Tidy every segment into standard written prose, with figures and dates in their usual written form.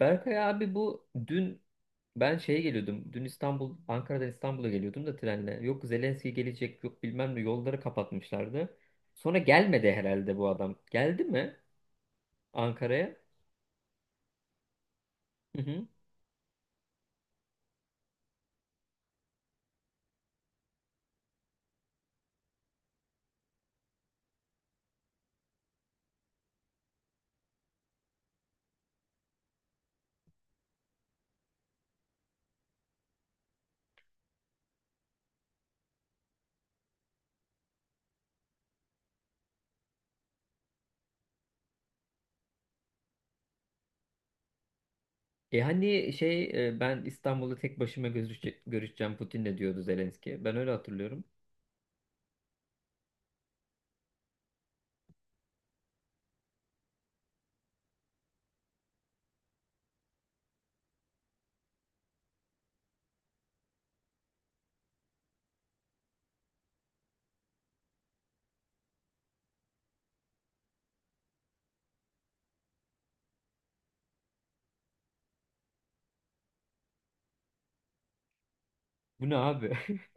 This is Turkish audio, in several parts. Berkay abi bu dün ben şeye geliyordum. Dün İstanbul, Ankara'dan İstanbul'a geliyordum da trenle. Yok Zelenski gelecek, yok bilmem ne yolları kapatmışlardı. Sonra gelmedi herhalde bu adam. Geldi mi Ankara'ya? Hı hı. E hani şey ben İstanbul'da tek başıma görüşeceğim Putin'le diyordu Zelenski. Ben öyle hatırlıyorum. Bu ne abi?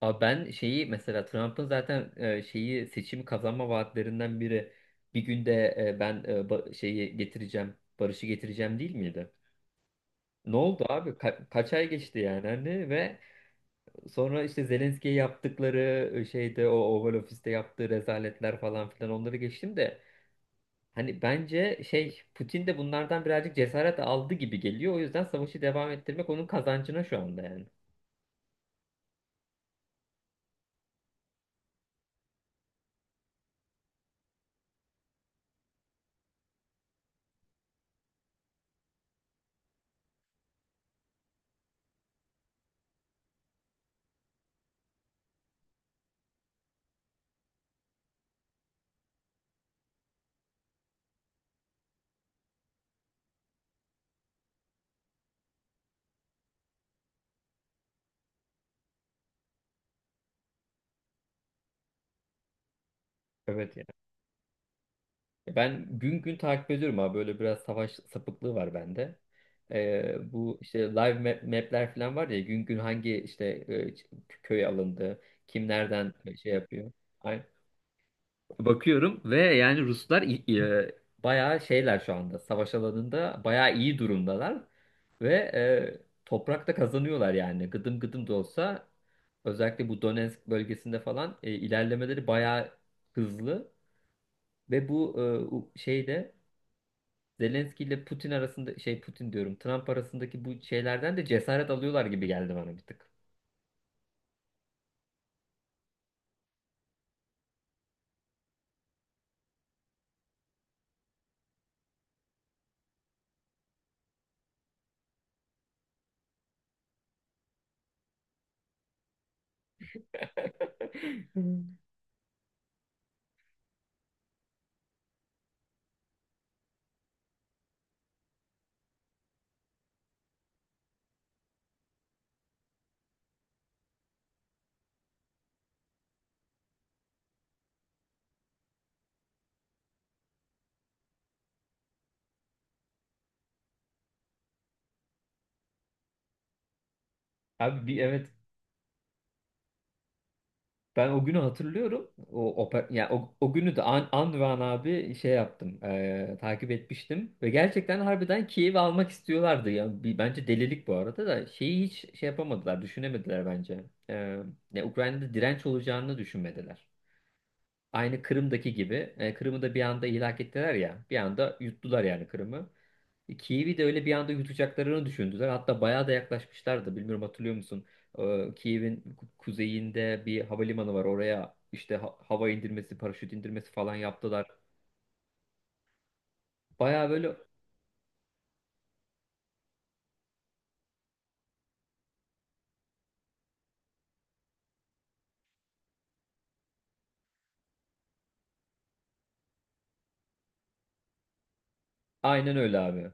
Abi ben şeyi mesela Trump'ın zaten şeyi seçim kazanma vaatlerinden biri bir günde ben şeyi getireceğim, barışı getireceğim değil miydi? Ne oldu abi? Kaç ay geçti yani hani ve sonra işte Zelenski'ye yaptıkları şeyde o Oval Office'te yaptığı rezaletler falan filan onları geçtim de hani bence şey Putin de bunlardan birazcık cesaret aldı gibi geliyor. O yüzden savaşı devam ettirmek onun kazancına şu anda yani. Evet yani. Ben gün gün takip ediyorum abi. Böyle biraz savaş sapıklığı var bende. Bu işte live map'ler falan var ya gün gün hangi işte köy alındı, kim nereden şey yapıyor. Bakıyorum ve yani Ruslar bayağı şeyler şu anda. Savaş alanında bayağı iyi durumdalar. Ve toprakta kazanıyorlar yani. Gıdım gıdım da olsa özellikle bu Donetsk bölgesinde falan ilerlemeleri bayağı hızlı. Ve bu şeyde Zelenski ile Putin arasında şey Putin diyorum Trump arasındaki bu şeylerden de cesaret alıyorlar gibi geldi bana bir tık. Abi, evet. Ben o günü hatırlıyorum. O, yani o günü de an, an ve an abi şey yaptım. Takip etmiştim. Ve gerçekten harbiden Kiev'i almak istiyorlardı. Yani, bence delilik bu arada da şeyi hiç şey yapamadılar. Düşünemediler bence. Ya Ukrayna'da direnç olacağını düşünmediler. Aynı Kırım'daki gibi. Kırım'ı da bir anda ilhak ettiler ya. Bir anda yuttular yani Kırım'ı. Kiev'i de öyle bir anda yutacaklarını düşündüler. Hatta bayağı da yaklaşmışlardı. Bilmiyorum hatırlıyor musun? Kiev'in kuzeyinde bir havalimanı var. Oraya işte hava indirmesi, paraşüt indirmesi falan yaptılar. Bayağı böyle aynen öyle abi.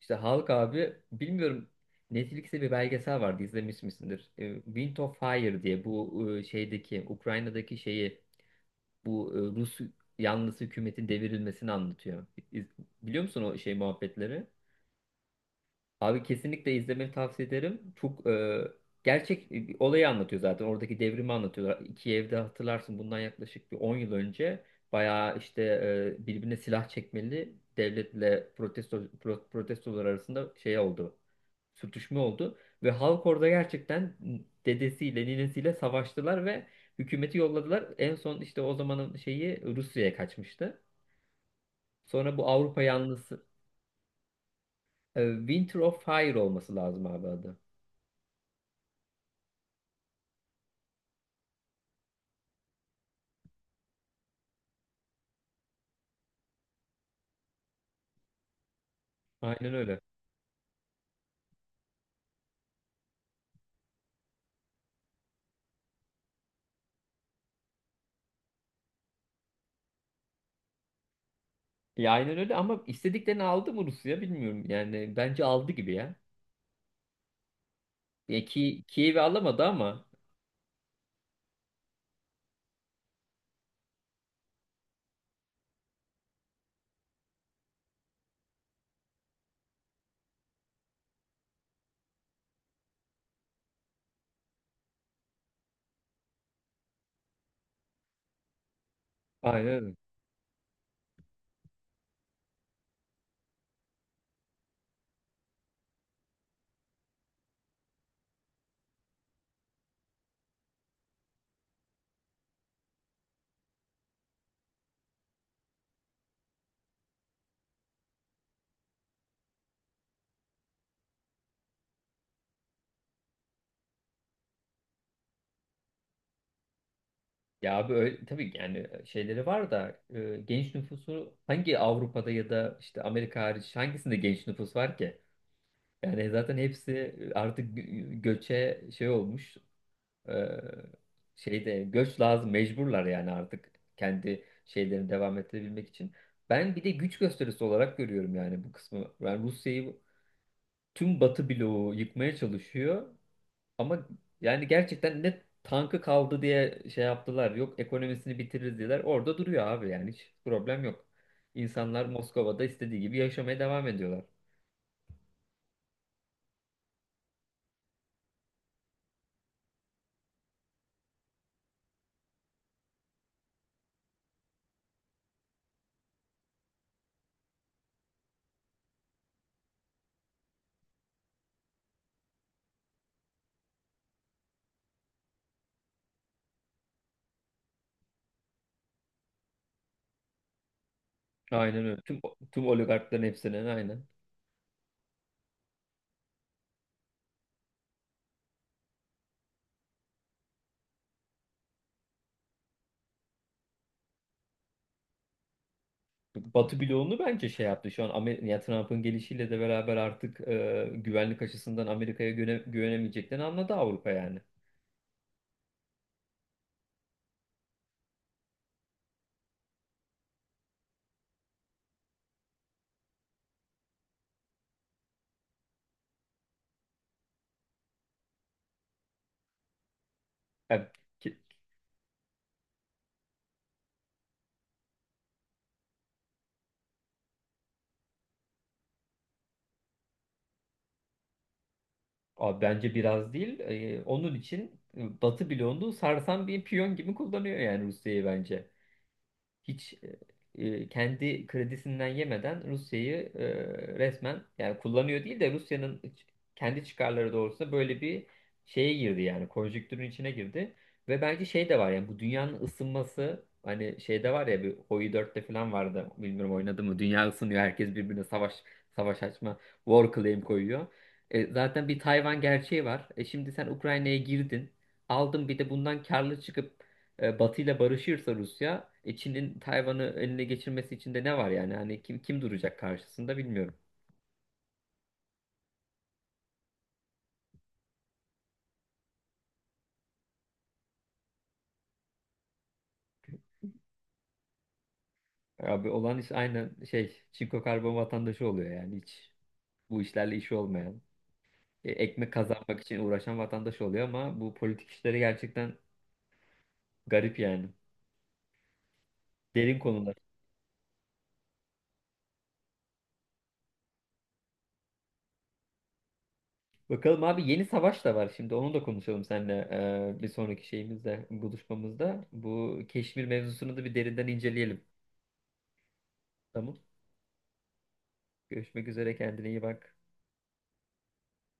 İşte halk abi bilmiyorum, Netflix'te bir belgesel vardı, izlemiş misindir? Wind of Fire diye, bu şeydeki Ukrayna'daki şeyi, bu Rus yanlısı hükümetin devrilmesini anlatıyor. İz- Biliyor musun o şey muhabbetleri? Abi kesinlikle izlemeni tavsiye ederim. Çok gerçek bir olayı anlatıyor zaten. Oradaki devrimi anlatıyorlar. İki evde hatırlarsın, bundan yaklaşık bir 10 yıl önce bayağı işte birbirine silah çekmeli devletle protestolar arasında şey oldu. Sürtüşme oldu. Ve halk orada gerçekten dedesiyle ninesiyle savaştılar ve hükümeti yolladılar. En son işte o zamanın şeyi Rusya'ya kaçmıştı. Sonra bu Avrupa yanlısı. e, Winter of Fire olması lazım abi adı. Aynen öyle. Ya aynen öyle ama istediklerini aldı mı Rusya, bilmiyorum. Yani bence aldı gibi ya. Ya ki Kiev'i alamadı ama... Aynen öyle. Ya abi öyle, tabii ki yani şeyleri var da genç nüfusu hangi Avrupa'da ya da işte Amerika hariç hangisinde genç nüfus var ki? Yani zaten hepsi artık göçe şey olmuş. e, şeyde göç lazım, mecburlar yani artık kendi şeylerini devam ettirebilmek için. Ben bir de güç gösterisi olarak görüyorum yani bu kısmı. Ben Rusya'yı tüm Batı bloğu yıkmaya çalışıyor. Ama yani gerçekten ne tankı kaldı diye şey yaptılar. Yok ekonomisini bitiririz diyorlar. Orada duruyor abi yani hiç problem yok. İnsanlar Moskova'da istediği gibi yaşamaya devam ediyorlar. Aynen öyle. Tüm oligarkların hepsinin aynen. Batı bloğunu bence şey yaptı. Şu an ya Trump'ın gelişiyle de beraber artık güvenlik açısından Amerika'ya güvenemeyeceklerini anladı Avrupa yani. Yani, abi, bence biraz değil. Onun için Batı bloğunu sarsan bir piyon gibi kullanıyor yani Rusya'yı bence hiç kendi kredisinden yemeden Rusya'yı resmen yani kullanıyor değil de Rusya'nın kendi çıkarları doğrultusunda böyle bir şeye girdi yani konjüktürün içine girdi ve bence şey de var yani bu dünyanın ısınması, hani şeyde var ya bir Hoi dörtte falan vardı bilmiyorum oynadı mı, dünya ısınıyor herkes birbirine savaş savaş açma war claim koyuyor. Zaten bir Tayvan gerçeği var. Şimdi sen Ukrayna'ya girdin. Aldın bir de bundan karlı çıkıp Batı ile barışırsa Rusya, Çin'in Tayvan'ı eline geçirmesi için de ne var yani? Hani kim duracak karşısında, bilmiyorum. Abi olan iş aynen şey, çinko karbon vatandaşı oluyor yani hiç bu işlerle işi olmayan. Ekmek kazanmak için uğraşan vatandaş oluyor ama bu politik işleri gerçekten garip yani. Derin konular. Bakalım abi, yeni savaş da var şimdi onu da konuşalım seninle bir sonraki şeyimizde, buluşmamızda. Bu Keşmir mevzusunu da bir derinden inceleyelim. Tamam. Görüşmek üzere, kendine iyi bak.